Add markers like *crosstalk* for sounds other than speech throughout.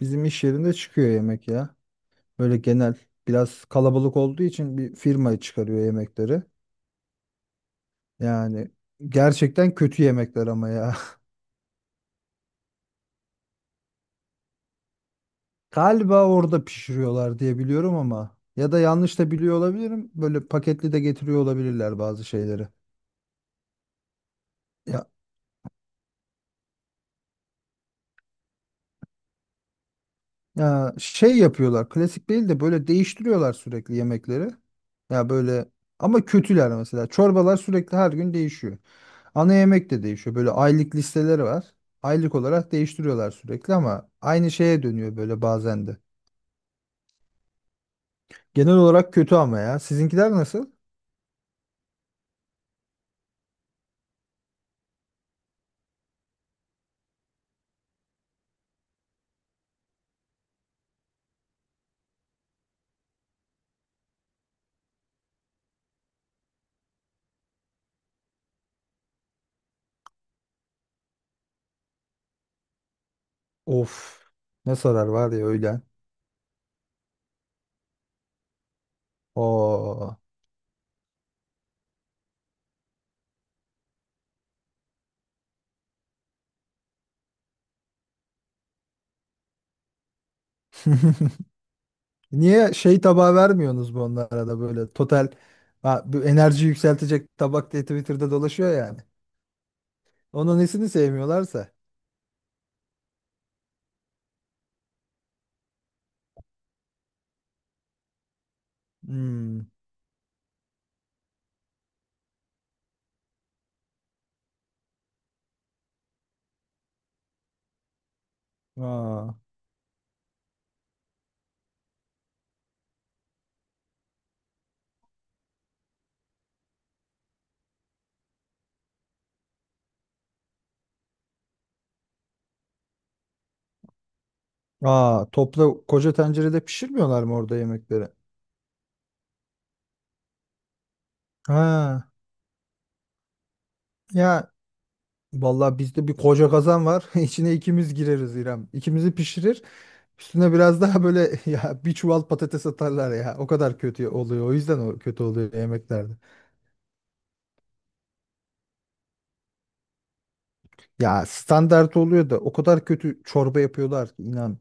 Bizim iş yerinde çıkıyor yemek ya. Böyle genel biraz kalabalık olduğu için bir firma çıkarıyor yemekleri. Yani gerçekten kötü yemekler ama ya. *laughs* Galiba orada pişiriyorlar diye biliyorum ama ya da yanlış da biliyor olabilirim. Böyle paketli de getiriyor olabilirler bazı şeyleri. Ya, ya, şey yapıyorlar. Klasik değil de böyle değiştiriyorlar sürekli yemekleri. Ya böyle ama kötüler mesela. Çorbalar sürekli her gün değişiyor. Ana yemek de değişiyor. Böyle aylık listeleri var. Aylık olarak değiştiriyorlar sürekli ama aynı şeye dönüyor böyle bazen de. Genel olarak kötü ama ya. Sizinkiler nasıl? Of. Ne sarar var ya öğlen. Oo. *laughs* Niye şey tabağı vermiyorsunuz bu onlara da böyle total ha, bu enerji yükseltecek tabak diye Twitter'da dolaşıyor yani. Onun nesini sevmiyorlarsa. Hmm. Aa. Aa, topla koca tencerede pişirmiyorlar mı orada yemekleri? Ha. Ya vallahi bizde bir koca kazan var. *laughs* İçine ikimiz gireriz İrem. İkimizi pişirir. Üstüne biraz daha böyle *laughs* ya bir çuval patates atarlar ya. O kadar kötü oluyor. O yüzden o kötü oluyor yemeklerde. Ya standart oluyor da o kadar kötü çorba yapıyorlar ki inan.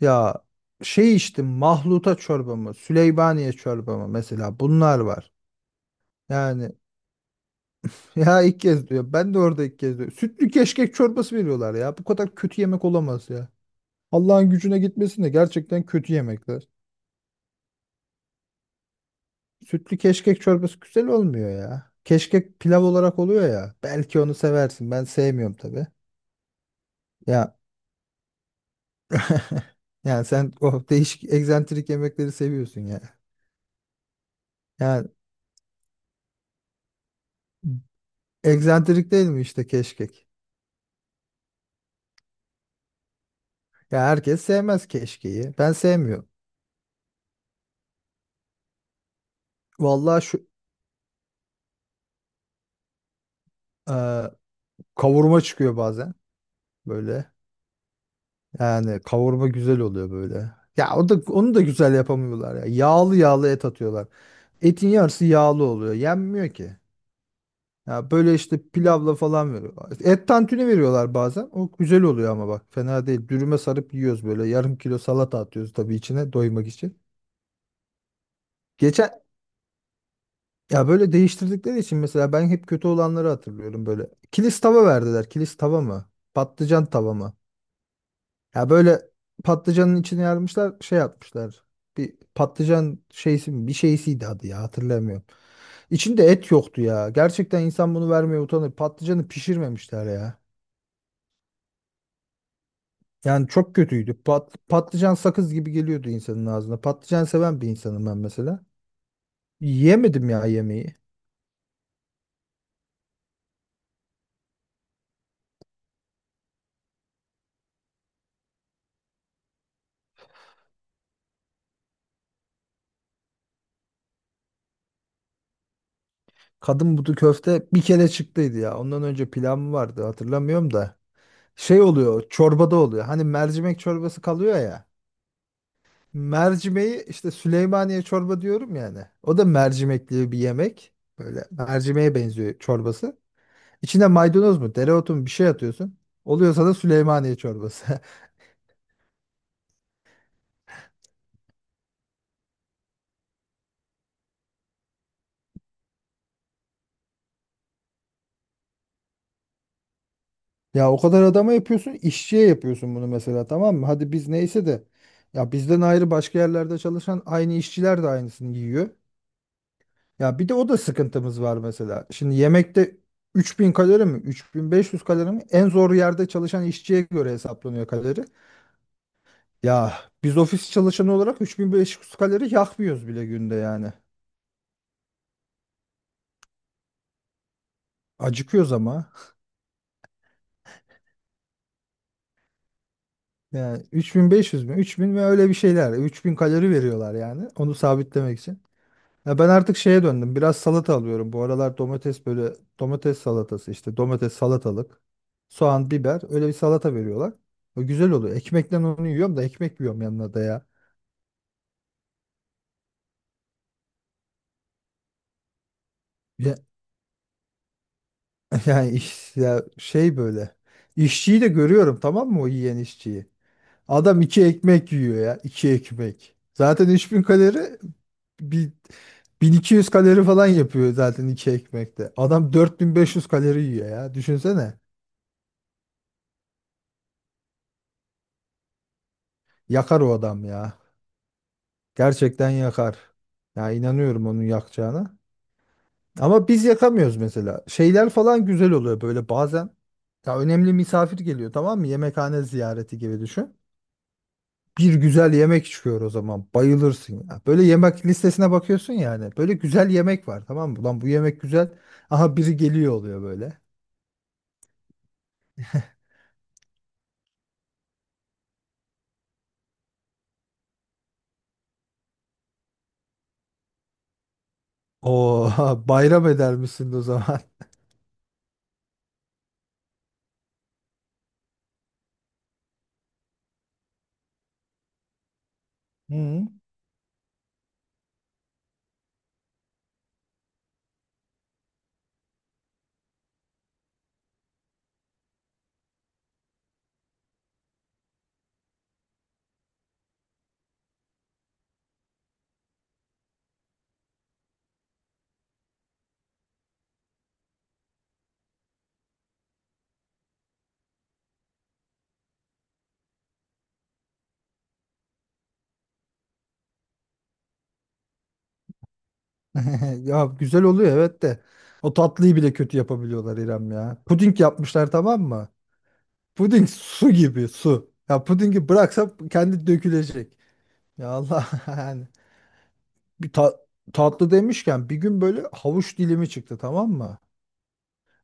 Ya şey içtim, mahluta çorba mı? Süleymaniye çorba mı? Mesela bunlar var. Yani *laughs* ya ilk kez diyor. Ben de orada ilk kez diyor. Sütlü keşkek çorbası veriyorlar ya. Bu kadar kötü yemek olamaz ya. Allah'ın gücüne gitmesin de gerçekten kötü yemekler. Sütlü keşkek çorbası güzel olmuyor ya. Keşkek pilav olarak oluyor ya. Belki onu seversin. Ben sevmiyorum tabii. Ya *laughs* yani sen o değişik egzantrik yemekleri seviyorsun ya. Yani egzantrik değil mi işte keşkek? Ya herkes sevmez keşkeği. Ben sevmiyorum. Vallahi şu e, kavurma çıkıyor bazen böyle. Yani kavurma güzel oluyor böyle. Ya o da onu da güzel yapamıyorlar ya. Yağlı yağlı et atıyorlar. Etin yarısı yağlı oluyor. Yenmiyor ki. Ya böyle işte pilavla falan veriyorlar. İşte et tantuni veriyorlar bazen. O güzel oluyor ama bak fena değil. Dürüme sarıp yiyoruz böyle. Yarım kilo salata atıyoruz tabii içine doymak için. Geçen ya böyle değiştirdikleri için mesela ben hep kötü olanları hatırlıyorum böyle. Kilis tava verdiler. Kilis tava mı? Patlıcan tava mı? Ya böyle patlıcanın içine yarmışlar, şey yapmışlar. Bir patlıcan şeysi mi? Bir şeysiydi adı ya, hatırlamıyorum. İçinde et yoktu ya. Gerçekten insan bunu vermeye utanır. Patlıcanı pişirmemişler ya. Yani çok kötüydü. Patlıcan sakız gibi geliyordu insanın ağzına. Patlıcan seven bir insanım ben mesela. Yiyemedim ya yemeği. Kadın budu köfte bir kere çıktıydı ya. Ondan önce pilav mı vardı hatırlamıyorum da. Şey oluyor, çorbada oluyor. Hani mercimek çorbası kalıyor ya. Mercimeği işte Süleymaniye çorba diyorum yani. O da mercimekli bir yemek. Böyle mercimeğe benziyor çorbası. İçine maydanoz mu, dereotu mu bir şey atıyorsun. Oluyorsa da Süleymaniye çorbası. *laughs* Ya o kadar adama yapıyorsun, işçiye yapıyorsun bunu mesela, tamam mı? Hadi biz neyse de ya bizden ayrı başka yerlerde çalışan aynı işçiler de aynısını yiyor. Ya bir de o da sıkıntımız var mesela. Şimdi yemekte 3000 kalori mi, 3500 kalori mi? En zor yerde çalışan işçiye göre hesaplanıyor kalori. Ya biz ofis çalışanı olarak 3500 kalori yakmıyoruz bile günde yani. Acıkıyoruz ama. Yani 3500 mü, 3000 mi öyle bir şeyler. 3000 kalori veriyorlar yani. Onu sabitlemek için. Ya ben artık şeye döndüm. Biraz salata alıyorum. Bu aralar domates böyle, domates salatası işte domates salatalık, soğan, biber, öyle bir salata veriyorlar. O güzel oluyor. Ekmekle onu yiyorum da ekmek yiyorum yanına da ya. Ya, *laughs* yani iş, ya şey böyle. İşçiyi de görüyorum tamam mı, o yiyen işçiyi. Adam iki ekmek yiyor ya. İki ekmek. Zaten 3000 kalori bir 1200 kalori falan yapıyor zaten iki ekmekte. Adam 4500 kalori yiyor ya. Düşünsene. Yakar o adam ya. Gerçekten yakar. Ya inanıyorum onun yakacağına. Ama biz yakamıyoruz mesela. Şeyler falan güzel oluyor böyle bazen. Ya önemli misafir geliyor, tamam mı? Yemekhane ziyareti gibi düşün. Bir güzel yemek çıkıyor o zaman. Bayılırsın ya. Böyle yemek listesine bakıyorsun yani. Böyle güzel yemek var, tamam mı? Ulan bu yemek güzel. Aha biri geliyor oluyor böyle. Oo, *laughs* bayram eder misin o zaman? Hı. *laughs* Ya güzel oluyor evet de. O tatlıyı bile kötü yapabiliyorlar İrem ya. Puding yapmışlar, tamam mı? Puding su gibi su. Ya pudingi bıraksam kendi dökülecek. Ya Allah *laughs* yani. Bir ta- Tatlı demişken bir gün böyle havuç dilimi çıktı, tamam mı?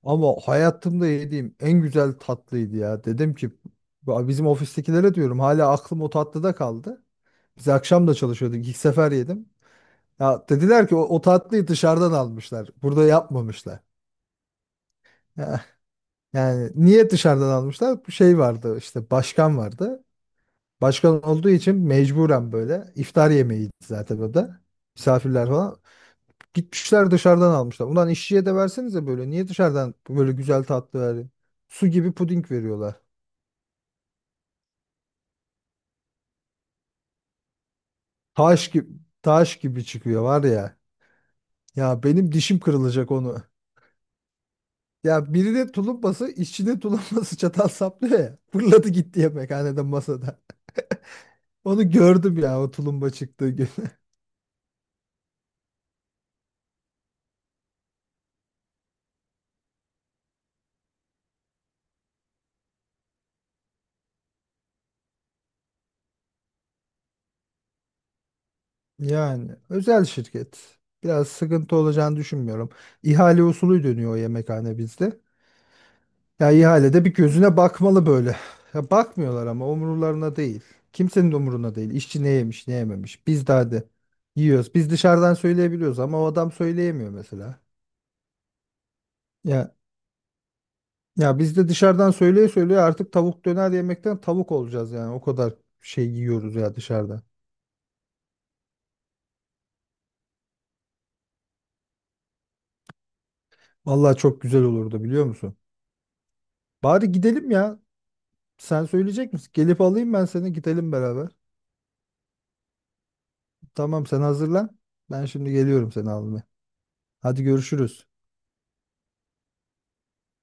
Ama hayatımda yediğim en güzel tatlıydı ya. Dedim ki "Ya bizim ofistekilere diyorum, hala aklım o tatlıda kaldı. Biz akşam da çalışıyorduk. İlk sefer yedim. Ya dediler ki o tatlıyı dışarıdan almışlar. Burada yapmamışlar. *laughs* Yani niye dışarıdan almışlar? Bir şey vardı işte, başkan vardı. Başkan olduğu için mecburen böyle iftar yemeğiydi zaten o da. Misafirler falan. Gitmişler dışarıdan almışlar. Ulan işçiye de versenize böyle. Niye dışarıdan böyle güzel tatlı verin? Su gibi puding veriyorlar. Taş gibi, taş gibi çıkıyor var ya. Ya benim dişim kırılacak onu. Ya birine tulumbası, işçinin tulumbası *laughs* çatal saplıyor ya. Fırladı gitti yemekhanede masada. Onu gördüm ya o tulumba çıktığı gün. Yani özel şirket. Biraz sıkıntı olacağını düşünmüyorum. İhale usulü dönüyor o yemekhane bizde. Ya ihalede bir gözüne bakmalı böyle. Ya bakmıyorlar ama umurlarına değil. Kimsenin de umuruna değil. İşçi ne yemiş, ne yememiş. Biz de hadi yiyoruz. Biz dışarıdan söyleyebiliyoruz ama o adam söyleyemiyor mesela. Ya ya, biz de dışarıdan söyleye söyleye artık tavuk döner yemekten tavuk olacağız yani. O kadar şey yiyoruz ya dışarıda. Vallahi çok güzel olurdu biliyor musun? Bari gidelim ya. Sen söyleyecek misin? Gelip alayım ben seni, gidelim beraber. Tamam sen hazırlan. Ben şimdi geliyorum seni almaya. Hadi görüşürüz.